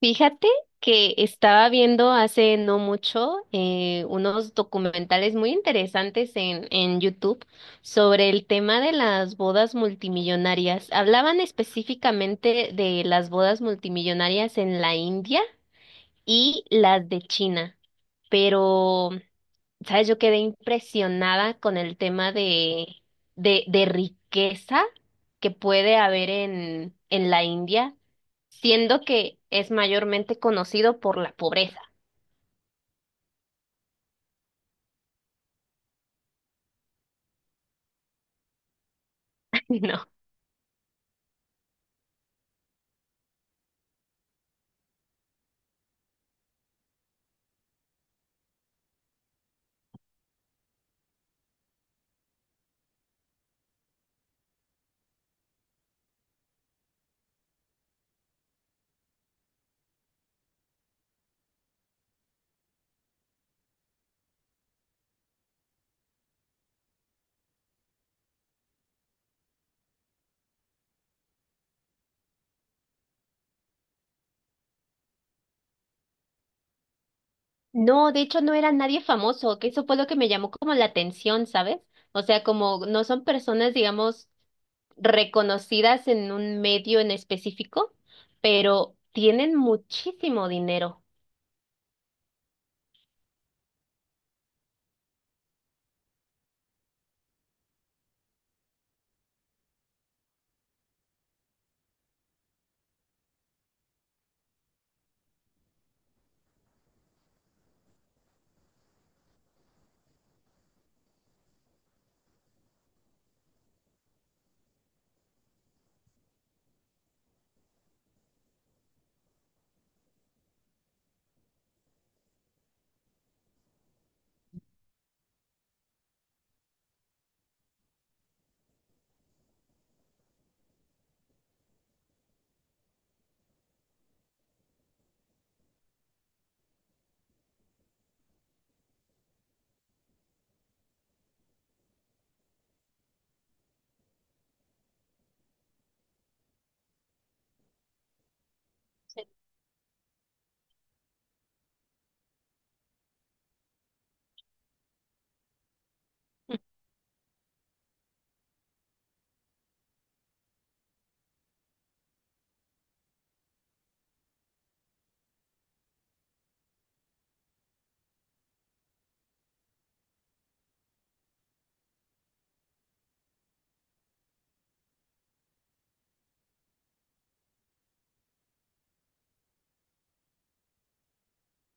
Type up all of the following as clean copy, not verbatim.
Fíjate que estaba viendo hace no mucho unos documentales muy interesantes en YouTube sobre el tema de las bodas multimillonarias. Hablaban específicamente de las bodas multimillonarias en la India y las de China, pero, ¿sabes? Yo quedé impresionada con el tema de riqueza que puede haber en la India siendo que es mayormente conocido por la pobreza. ¿No? No, de hecho no era nadie famoso, que eso fue lo que me llamó como la atención, ¿sabes? O sea, como no son personas, digamos, reconocidas en un medio en específico, pero tienen muchísimo dinero.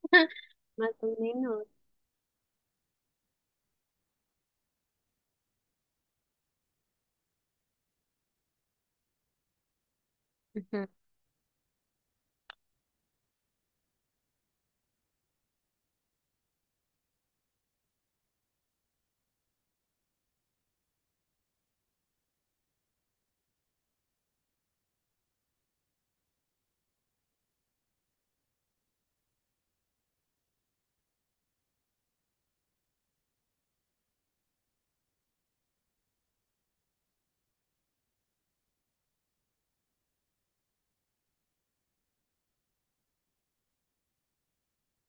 Más o menos. Ujú.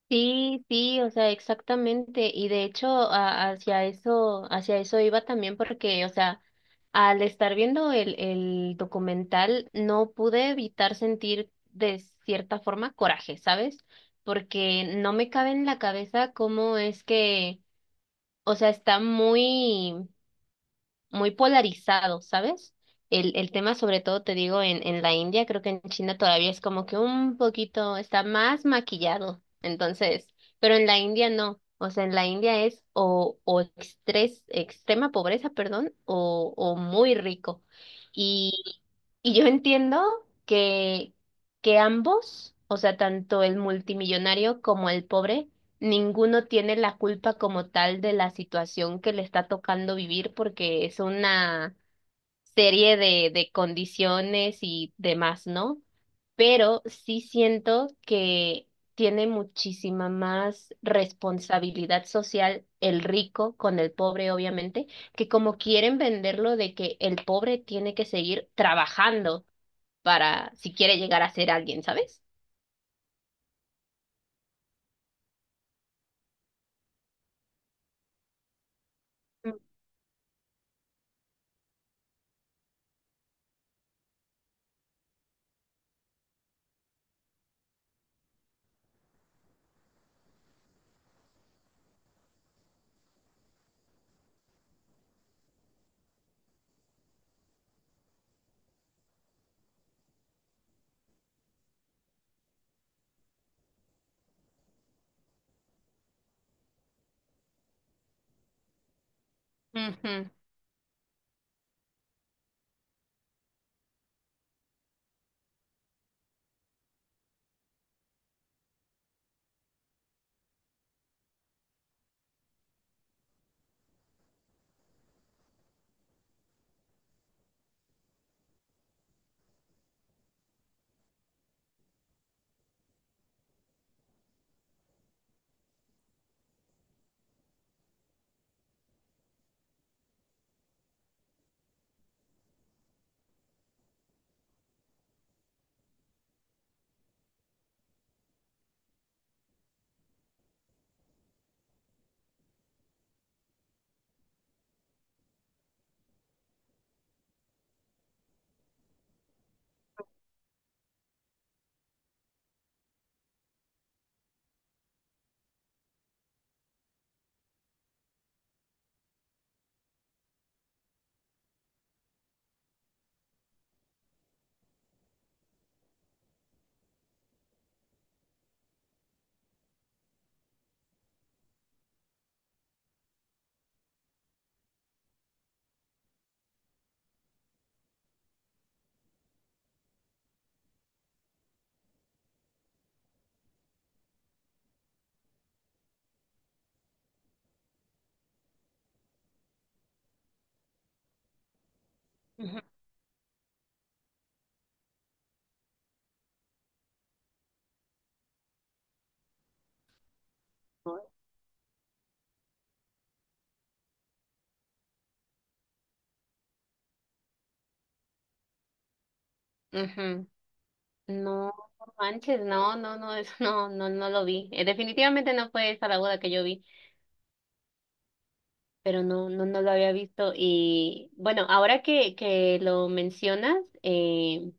Sí, sí, o sea, exactamente. Y de hecho, hacia eso iba también porque, o sea, al estar viendo el documental, no pude evitar sentir de cierta forma coraje, ¿sabes? Porque no me cabe en la cabeza cómo es que, o sea, está muy muy polarizado, ¿sabes? El tema, sobre todo, te digo, en la India, creo que en China todavía es como que un poquito, está más maquillado. Entonces, pero en la India no. O sea, en la India es o extrema pobreza, perdón, o muy rico. Y, y yo entiendo que, que ambos, o sea, tanto el multimillonario como el pobre, ninguno tiene la culpa como tal de la situación que le está tocando vivir porque es una serie de condiciones y demás, ¿no? Pero sí siento que tiene muchísima más responsabilidad social el rico con el pobre, obviamente, que como quieren venderlo de que el pobre tiene que seguir trabajando para si quiere llegar a ser alguien, ¿sabes? Ujú, ujú, ujú. No, no manches, no, no, no, eso no, no, no lo vi. Definitivamente no fue esa la boda que yo vi, pero no, no, no lo había visto. Y bueno, ahora que lo mencionas, eh,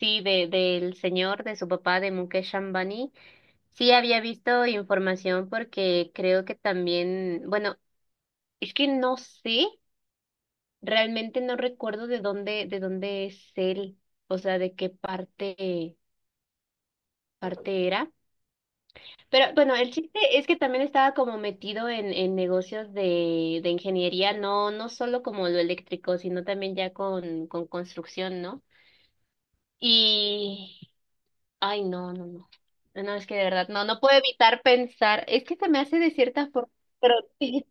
sí, del señor, de su papá, de Mukesh Ambani, sí había visto información porque creo que también, bueno, es que no sé, realmente no recuerdo de dónde es él, o sea, de qué parte, parte era. Pero bueno, el chiste es que también estaba como metido en negocios de ingeniería, no, no solo como lo eléctrico, sino también ya con construcción, ¿no? Y, ay, no, no, no. No, es que de verdad, no, no puedo evitar pensar, es que se me hace de cierta forma, pero sí,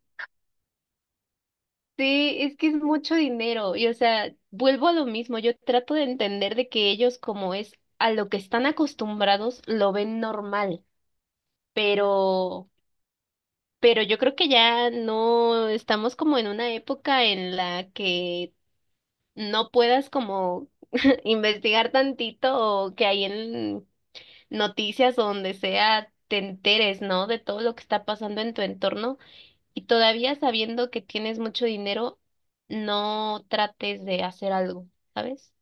sí, es que es mucho dinero. Y o sea, vuelvo a lo mismo, yo trato de entender de que ellos como es a lo que están acostumbrados, lo ven normal, pero... Pero yo creo que ya no estamos como en una época en la que no puedas como investigar tantito o que hay en noticias o donde sea te enteres, ¿no? De todo lo que está pasando en tu entorno y todavía sabiendo que tienes mucho dinero, no trates de hacer algo, ¿sabes?